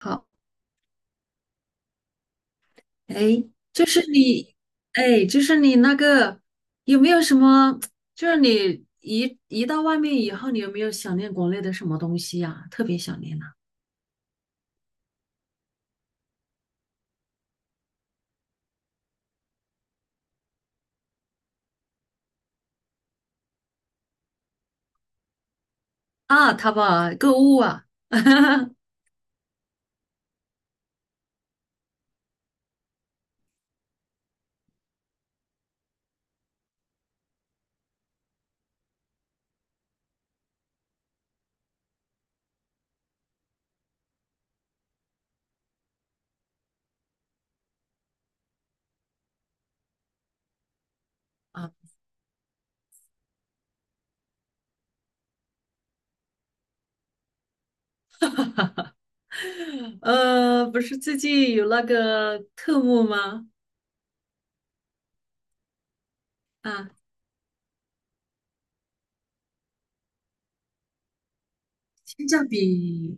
好，哎，就是你，哎，就是你那个有没有什么？就是你一到外面以后，你有没有想念国内的什么东西呀、特别想念呐、啊？啊淘宝啊购物啊，啊，不是最近有那个特务吗？啊，性价比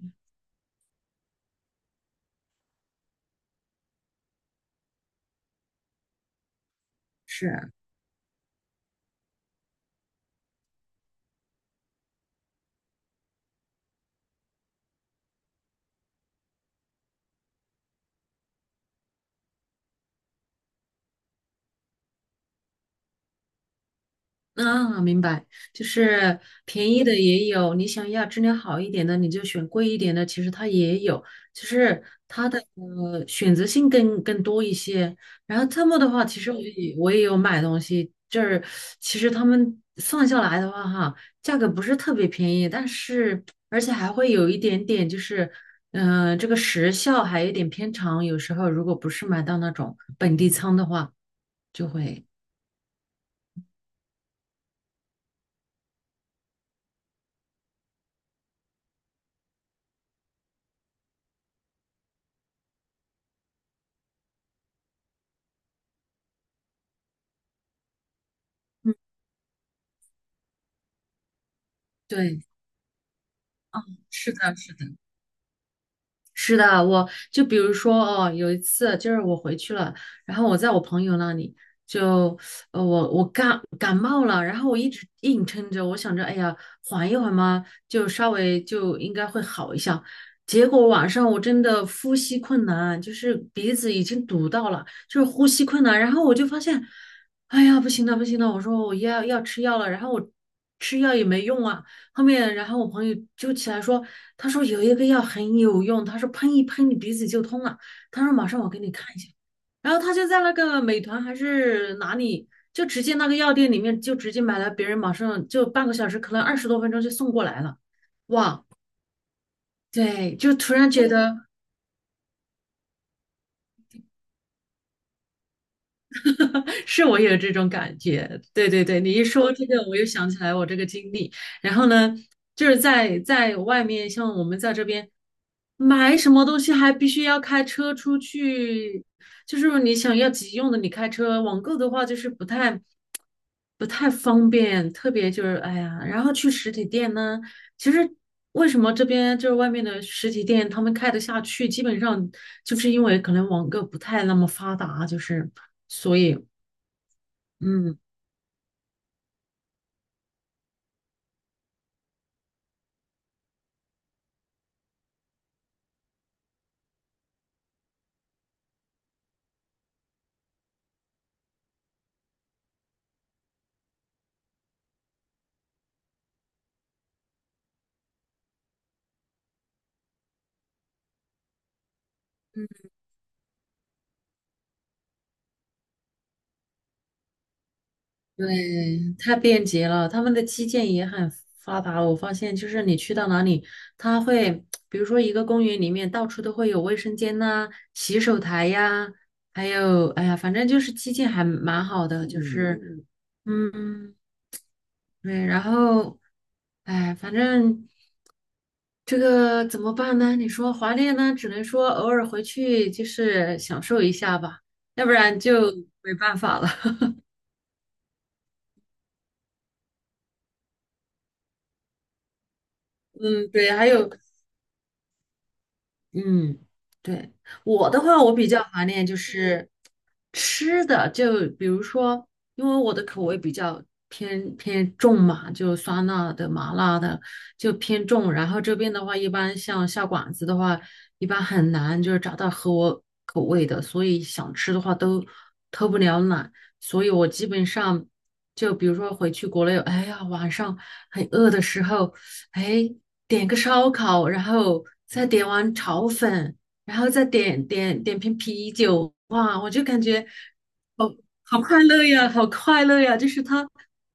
是。啊，明白，就是便宜的也有，你想要质量好一点的，你就选贵一点的，其实它也有，就是它的选择性更多一些。然后特么的话，其实我也有买东西，就是其实他们算下来的话，哈，价格不是特别便宜，但是而且还会有一点点就是，嗯、这个时效还有一点偏长，有时候如果不是买到那种本地仓的话，就会，嗯，对，是的，是的。是的，我就比如说哦，有一次就是我回去了，然后我在我朋友那里就，呃，我感冒了，然后我一直硬撑着，我想着，哎呀，缓一缓嘛，就稍微就应该会好一下。结果晚上我真的呼吸困难，就是鼻子已经堵到了，就是呼吸困难。然后我就发现，哎呀，不行了，不行了，我说我要吃药了，然后我吃药也没用啊。后面，然后我朋友就起来说，他说有一个药很有用，他说喷一喷你鼻子就通了，他说马上我给你看一下，然后他就在那个美团还是哪里，就直接那个药店里面就直接买了，别人马上就半个小时，可能二十多分钟就送过来了，哇，对，就突然觉得。是我也有这种感觉。对对对，你一说这个，我又想起来我这个经历。然后呢，就是在外面，像我们在这边买什么东西，还必须要开车出去。就是你想要急用的，你开车；网购的话，就是不太方便。特别就是哎呀，然后去实体店呢，其实为什么这边就是外面的实体店他们开得下去，基本上就是因为可能网购不太那么发达，就是所以嗯，对，太便捷了，他们的基建也很发达。我发现，就是你去到哪里，他会，比如说一个公园里面，到处都会有卫生间呐、洗手台呀，还有，哎呀，反正就是基建还蛮好的，就是，嗯，嗯对，然后，哎，反正这个怎么办呢？你说华念呢，只能说偶尔回去就是享受一下吧，要不然就没办法了。嗯，对，还有。嗯，对，我的话，我比较怀念就是吃的，就比如说，因为我的口味比较偏重嘛，就酸辣的、麻辣的就偏重。然后这边的话，一般像下馆子的话，一般很难就是找到合我口味的，所以想吃的话都偷不了懒。所以我基本上就比如说回去国内，哎呀，晚上很饿的时候。哎，点个烧烤，然后再点碗炒粉，然后再点瓶啤酒，哇，我就感觉好好快乐呀，好快乐呀！就是他，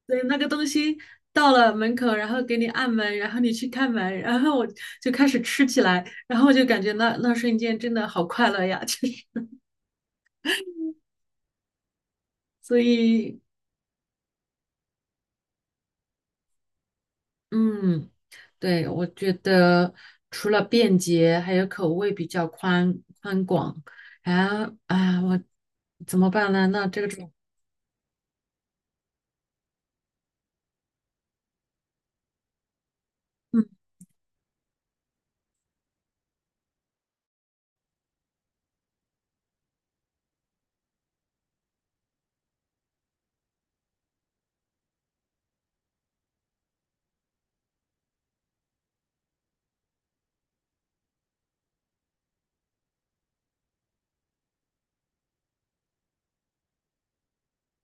对，那个东西到了门口，然后给你按门，然后你去开门，然后我就开始吃起来，然后我就感觉那瞬间真的好快乐呀，就是所以嗯，对，我觉得除了便捷，还有口味比较宽广。啊啊，我怎么办呢？那这个种，嗯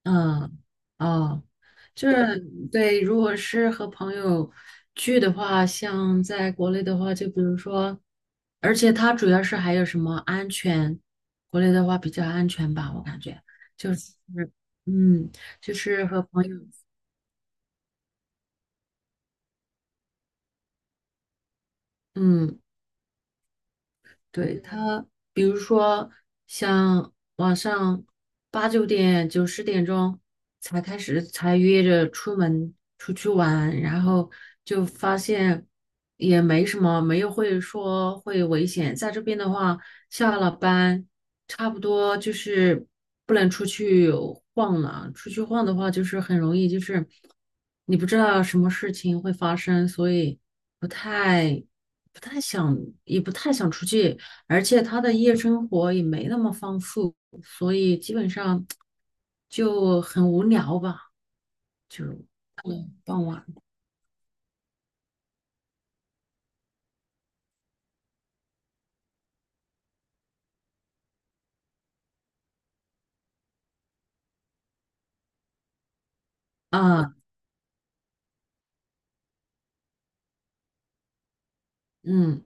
嗯哦，就是对，如果是和朋友聚的话，像在国内的话，就比如说，而且它主要是还有什么安全，国内的话比较安全吧，我感觉就是，嗯，就是和朋友，嗯。对他，比如说像晚上八九点、九十点钟才开始，才约着出门出去玩，然后就发现也没什么，没有会说会危险。在这边的话，下了班差不多就是不能出去晃了，出去晃的话就是很容易就是你不知道什么事情会发生，所以不太。不太想，也不太想出去，而且他的夜生活也没那么丰富，所以基本上就很无聊吧，就傍晚啊，嗯，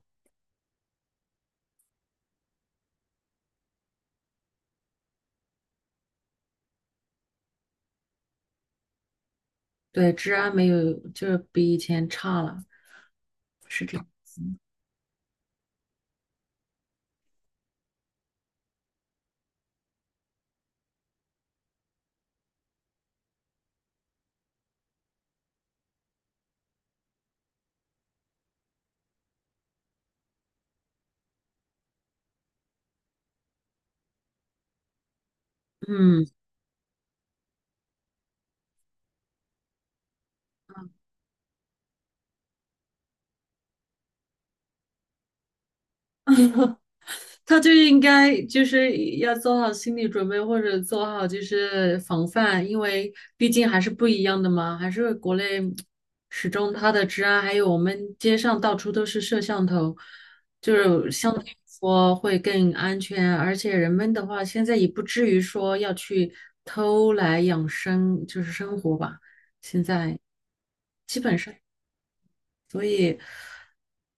对，治安没有，就是比以前差了，嗯。他就应该就是要做好心理准备，或者做好就是防范，因为毕竟还是不一样的嘛，还是国内始终它的治安，还有我们街上到处都是摄像头，就是相对来说会更安全，而且人们的话现在也不至于说要去偷来养生，就是生活吧，现在。基本上。所以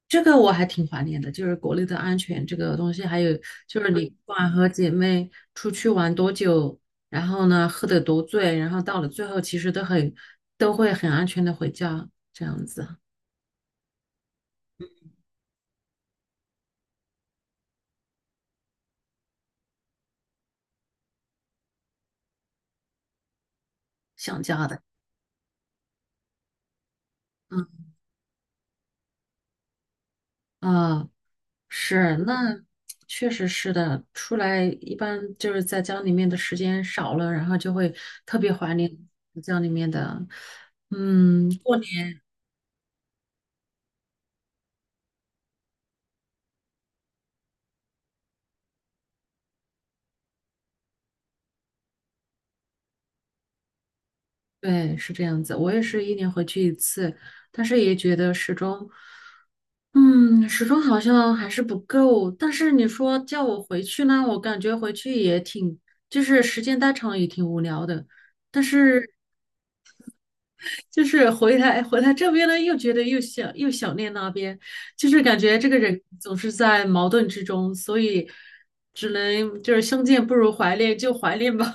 这个我还挺怀念的，就是国内的安全这个东西，还有就是你不管和姐妹出去玩多久，然后呢喝得多醉，然后到了最后其实都很都会很安全的回家，这样子想家的，嗯啊是，那确实是的，出来一般就是在家里面的时间少了，然后就会特别怀念家里面的，嗯，过对，是这样子。我也是一年回去一次，但是也觉得始终，嗯，始终好像还是不够。但是你说叫我回去呢，我感觉回去也挺，就是时间待长了也挺无聊的。但是就是回来这边呢，又觉得又想念那边，就是感觉这个人总是在矛盾之中，所以只能就是相见不如怀念，就怀念吧。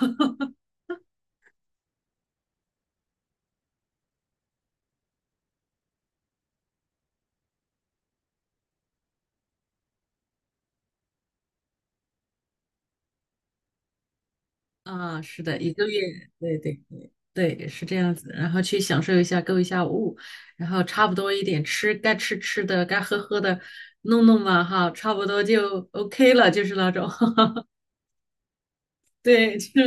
啊，是的，一个月，对对对对，是这样子。然后去享受一下，购一下物，然后差不多一点吃，该吃吃的，该喝喝的，弄弄嘛哈，差不多就 OK 了，就是那种。对，就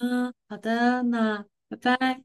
嗯，好的，那拜拜。